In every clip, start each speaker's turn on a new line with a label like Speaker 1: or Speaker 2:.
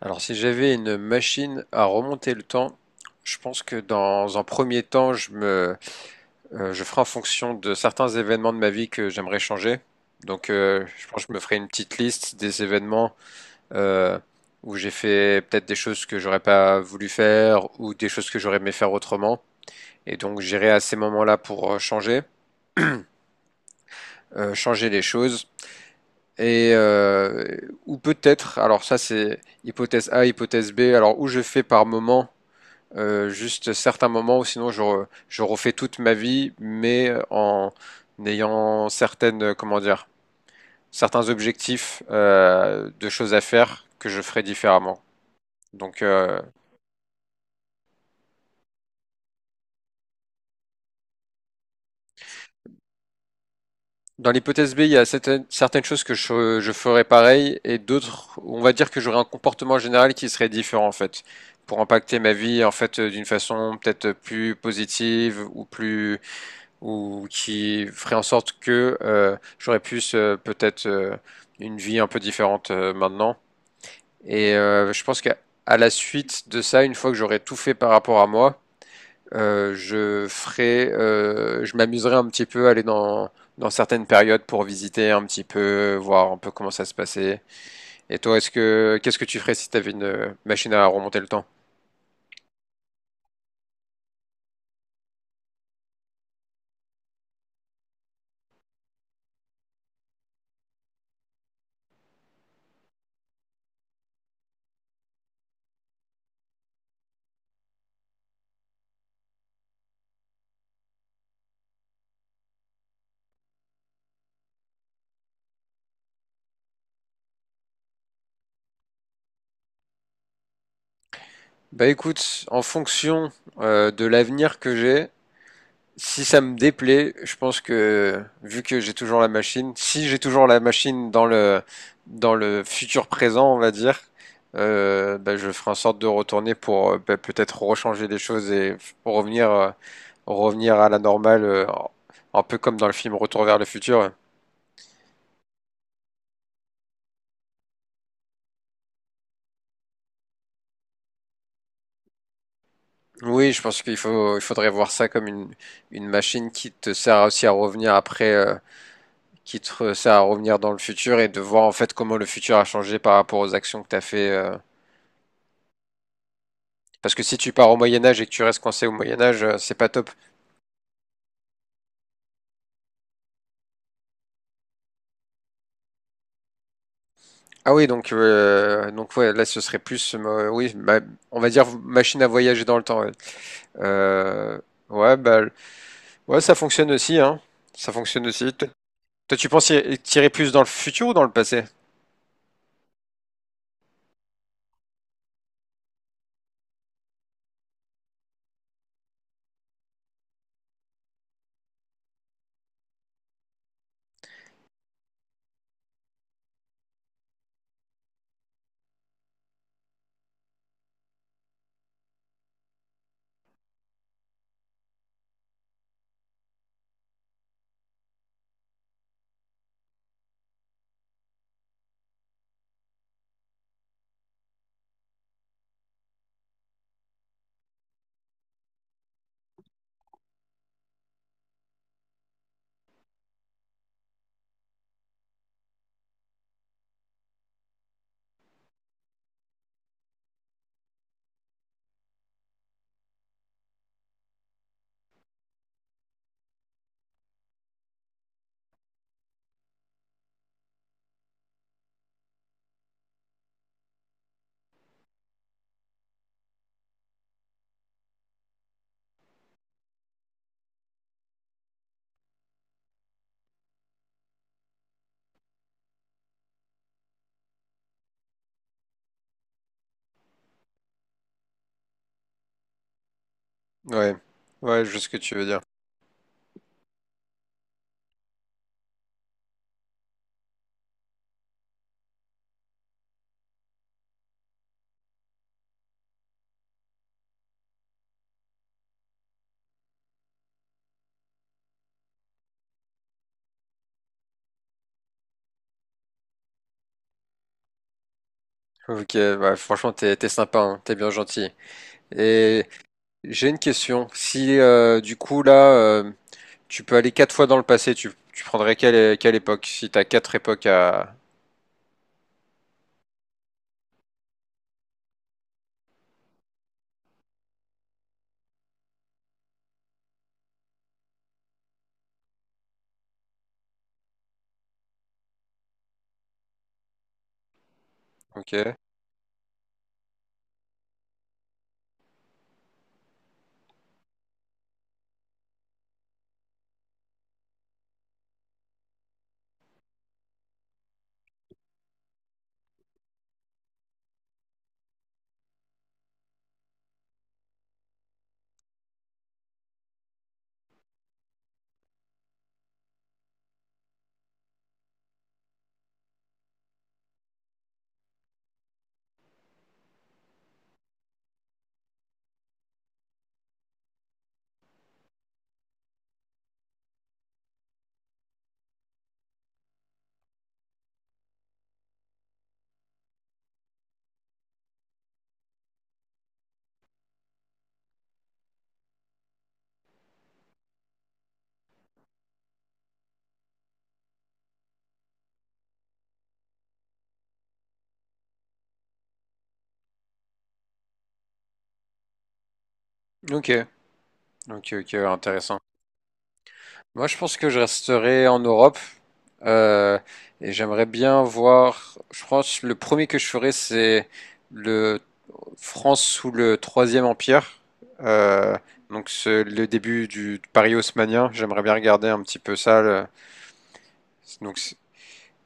Speaker 1: Alors, si j'avais une machine à remonter le temps, je pense que dans un premier temps, je ferai en fonction de certains événements de ma vie que j'aimerais changer. Donc, je pense que je me ferai une petite liste des événements euh, où j'ai fait peut-être des choses que j'aurais pas voulu faire ou des choses que j'aurais aimé faire autrement. Et donc, j'irai à ces moments-là pour changer, changer les choses. Et euh, ou peut-être, alors ça c'est hypothèse A, hypothèse B, alors où je fais par moment juste certains moments où sinon je refais toute ma vie, mais en ayant certaines, comment dire, certains objectifs de choses à faire que je ferai différemment. Donc, dans l'hypothèse B, il y a certaines choses que je ferai pareil et d'autres, où on va dire que j'aurai un comportement général qui serait différent en fait, pour impacter ma vie en fait d'une façon peut-être plus positive ou plus ou qui ferait en sorte que j'aurais plus, peut-être, une vie un peu différente maintenant. Je pense qu'à à la suite de ça, une fois que j'aurai tout fait par rapport à moi, je ferai, je m'amuserai un petit peu à aller dans certaines périodes pour visiter un petit peu, voir un peu comment ça se passait. Et toi, est-ce que qu'est-ce que tu ferais si tu avais une machine à remonter le temps? Bah écoute, en fonction de l'avenir que j'ai, si ça me déplaît, je pense que vu que j'ai toujours la machine, si j'ai toujours la machine dans le futur présent, on va dire, bah, je ferai en sorte de retourner pour bah, peut-être rechanger les choses pour revenir revenir à la normale, un peu comme dans le film Retour vers le futur. Oui, je pense qu'il faut il faudrait voir ça comme une machine qui te sert aussi à revenir après, qui te sert à revenir dans le futur et de voir en fait comment le futur a changé par rapport aux actions que tu as fait. Parce que si tu pars au Moyen Âge et que tu restes coincé au Moyen Âge, c'est pas top. Ah oui, donc ouais, là ce serait plus, oui, on va dire machine à voyager dans le temps. Ouais, Euh, ouais, ouais, ça fonctionne aussi, hein. Ça fonctionne aussi. Toi, tu penses tirer plus dans le futur ou dans le passé? Ouais, ouais, je vois ce que tu veux dire. Ok, ouais, franchement, t'es sympa, hein, t'es bien gentil. Et j'ai une question. Si du coup là, tu peux aller quatre fois dans le passé, tu prendrais quelle époque? Si t'as quatre époques à Ok, ok, ok, intéressant. Moi, je pense que je resterai en Europe euh, et j'aimerais bien voir. Je pense le premier que je ferai, c'est le France sous le Troisième Empire, euh, donc c'est le début du Paris haussmannien. J'aimerais bien regarder un petit peu ça. Donc,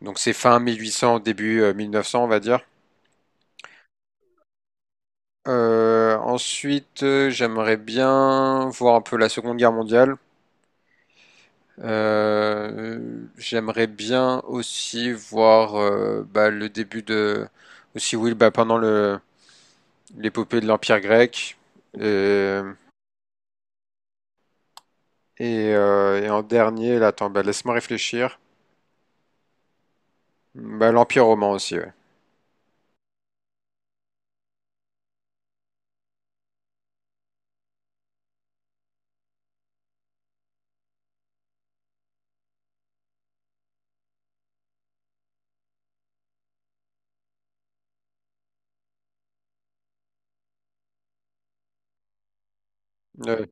Speaker 1: donc c'est fin 1800, début 1900, on va dire. Ensuite, j'aimerais bien voir un peu la Seconde Guerre mondiale. Euh, j'aimerais bien aussi voir bah, le début de aussi oui bah, pendant le l'épopée de l'Empire grec et et en dernier là attends bah, laisse-moi réfléchir bah, l'Empire romain aussi ouais. Ouais.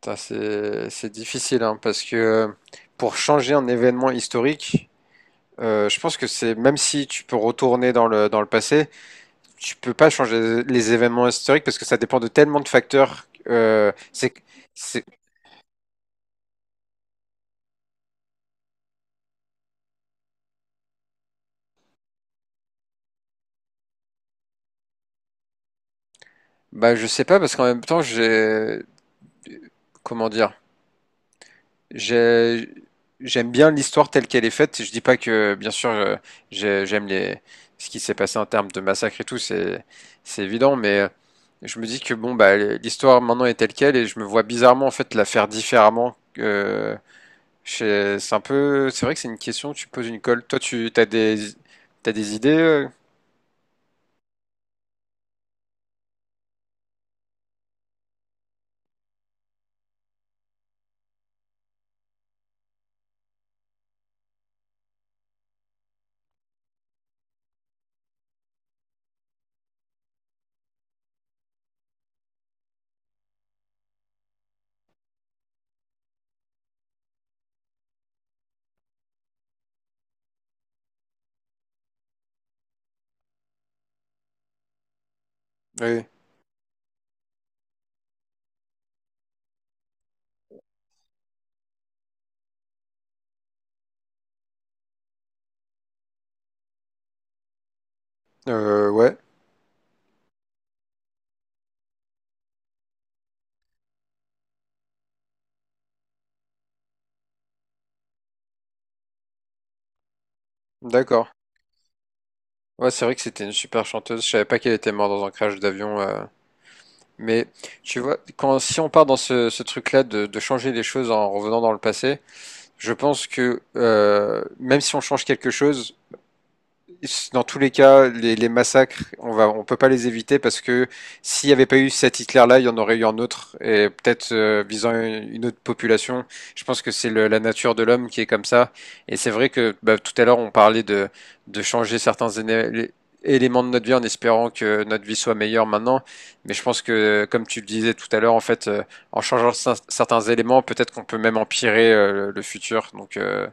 Speaker 1: Putain, c'est difficile hein, parce que pour changer un événement historique je pense que c'est même si tu peux retourner dans le passé tu peux pas changer les événements historiques parce que ça dépend de tellement de facteurs. C'est, bah, je sais pas parce qu'en même temps, comment dire, j'ai, j'aime bien l'histoire telle qu'elle est faite. Je dis pas que, bien sûr, j'aime les, ce qui s'est passé en termes de massacre et tout, c'est évident, mais je me dis que bon, bah, l'histoire maintenant est telle qu'elle et je me vois bizarrement en fait la faire différemment. C'est un peu, c'est vrai que c'est une question, tu poses une colle. Toi, tu t'as des idées? Oui. Ouais. D'accord. Ouais, c'est vrai que c'était une super chanteuse. Je savais pas qu'elle était morte dans un crash d'avion. Mais tu vois, quand si on part dans ce truc-là de changer les choses en revenant dans le passé, je pense que même si on change quelque chose, dans tous les cas, les massacres, on peut pas les éviter parce que s'il n'y avait pas eu cet Hitler-là, il y en aurait eu un autre et peut-être visant une autre population. Je pense que c'est la nature de l'homme qui est comme ça. Et c'est vrai que bah, tout à l'heure, on parlait de changer certains éléments de notre vie en espérant que notre vie soit meilleure maintenant. Mais je pense que, comme tu le disais tout à l'heure, en fait, en changeant certains éléments, peut-être qu'on peut même empirer le futur. Donc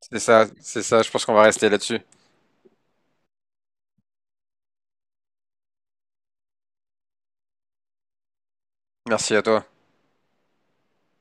Speaker 1: c'est ça, c'est ça. Je pense qu'on va rester là-dessus. Merci à toi.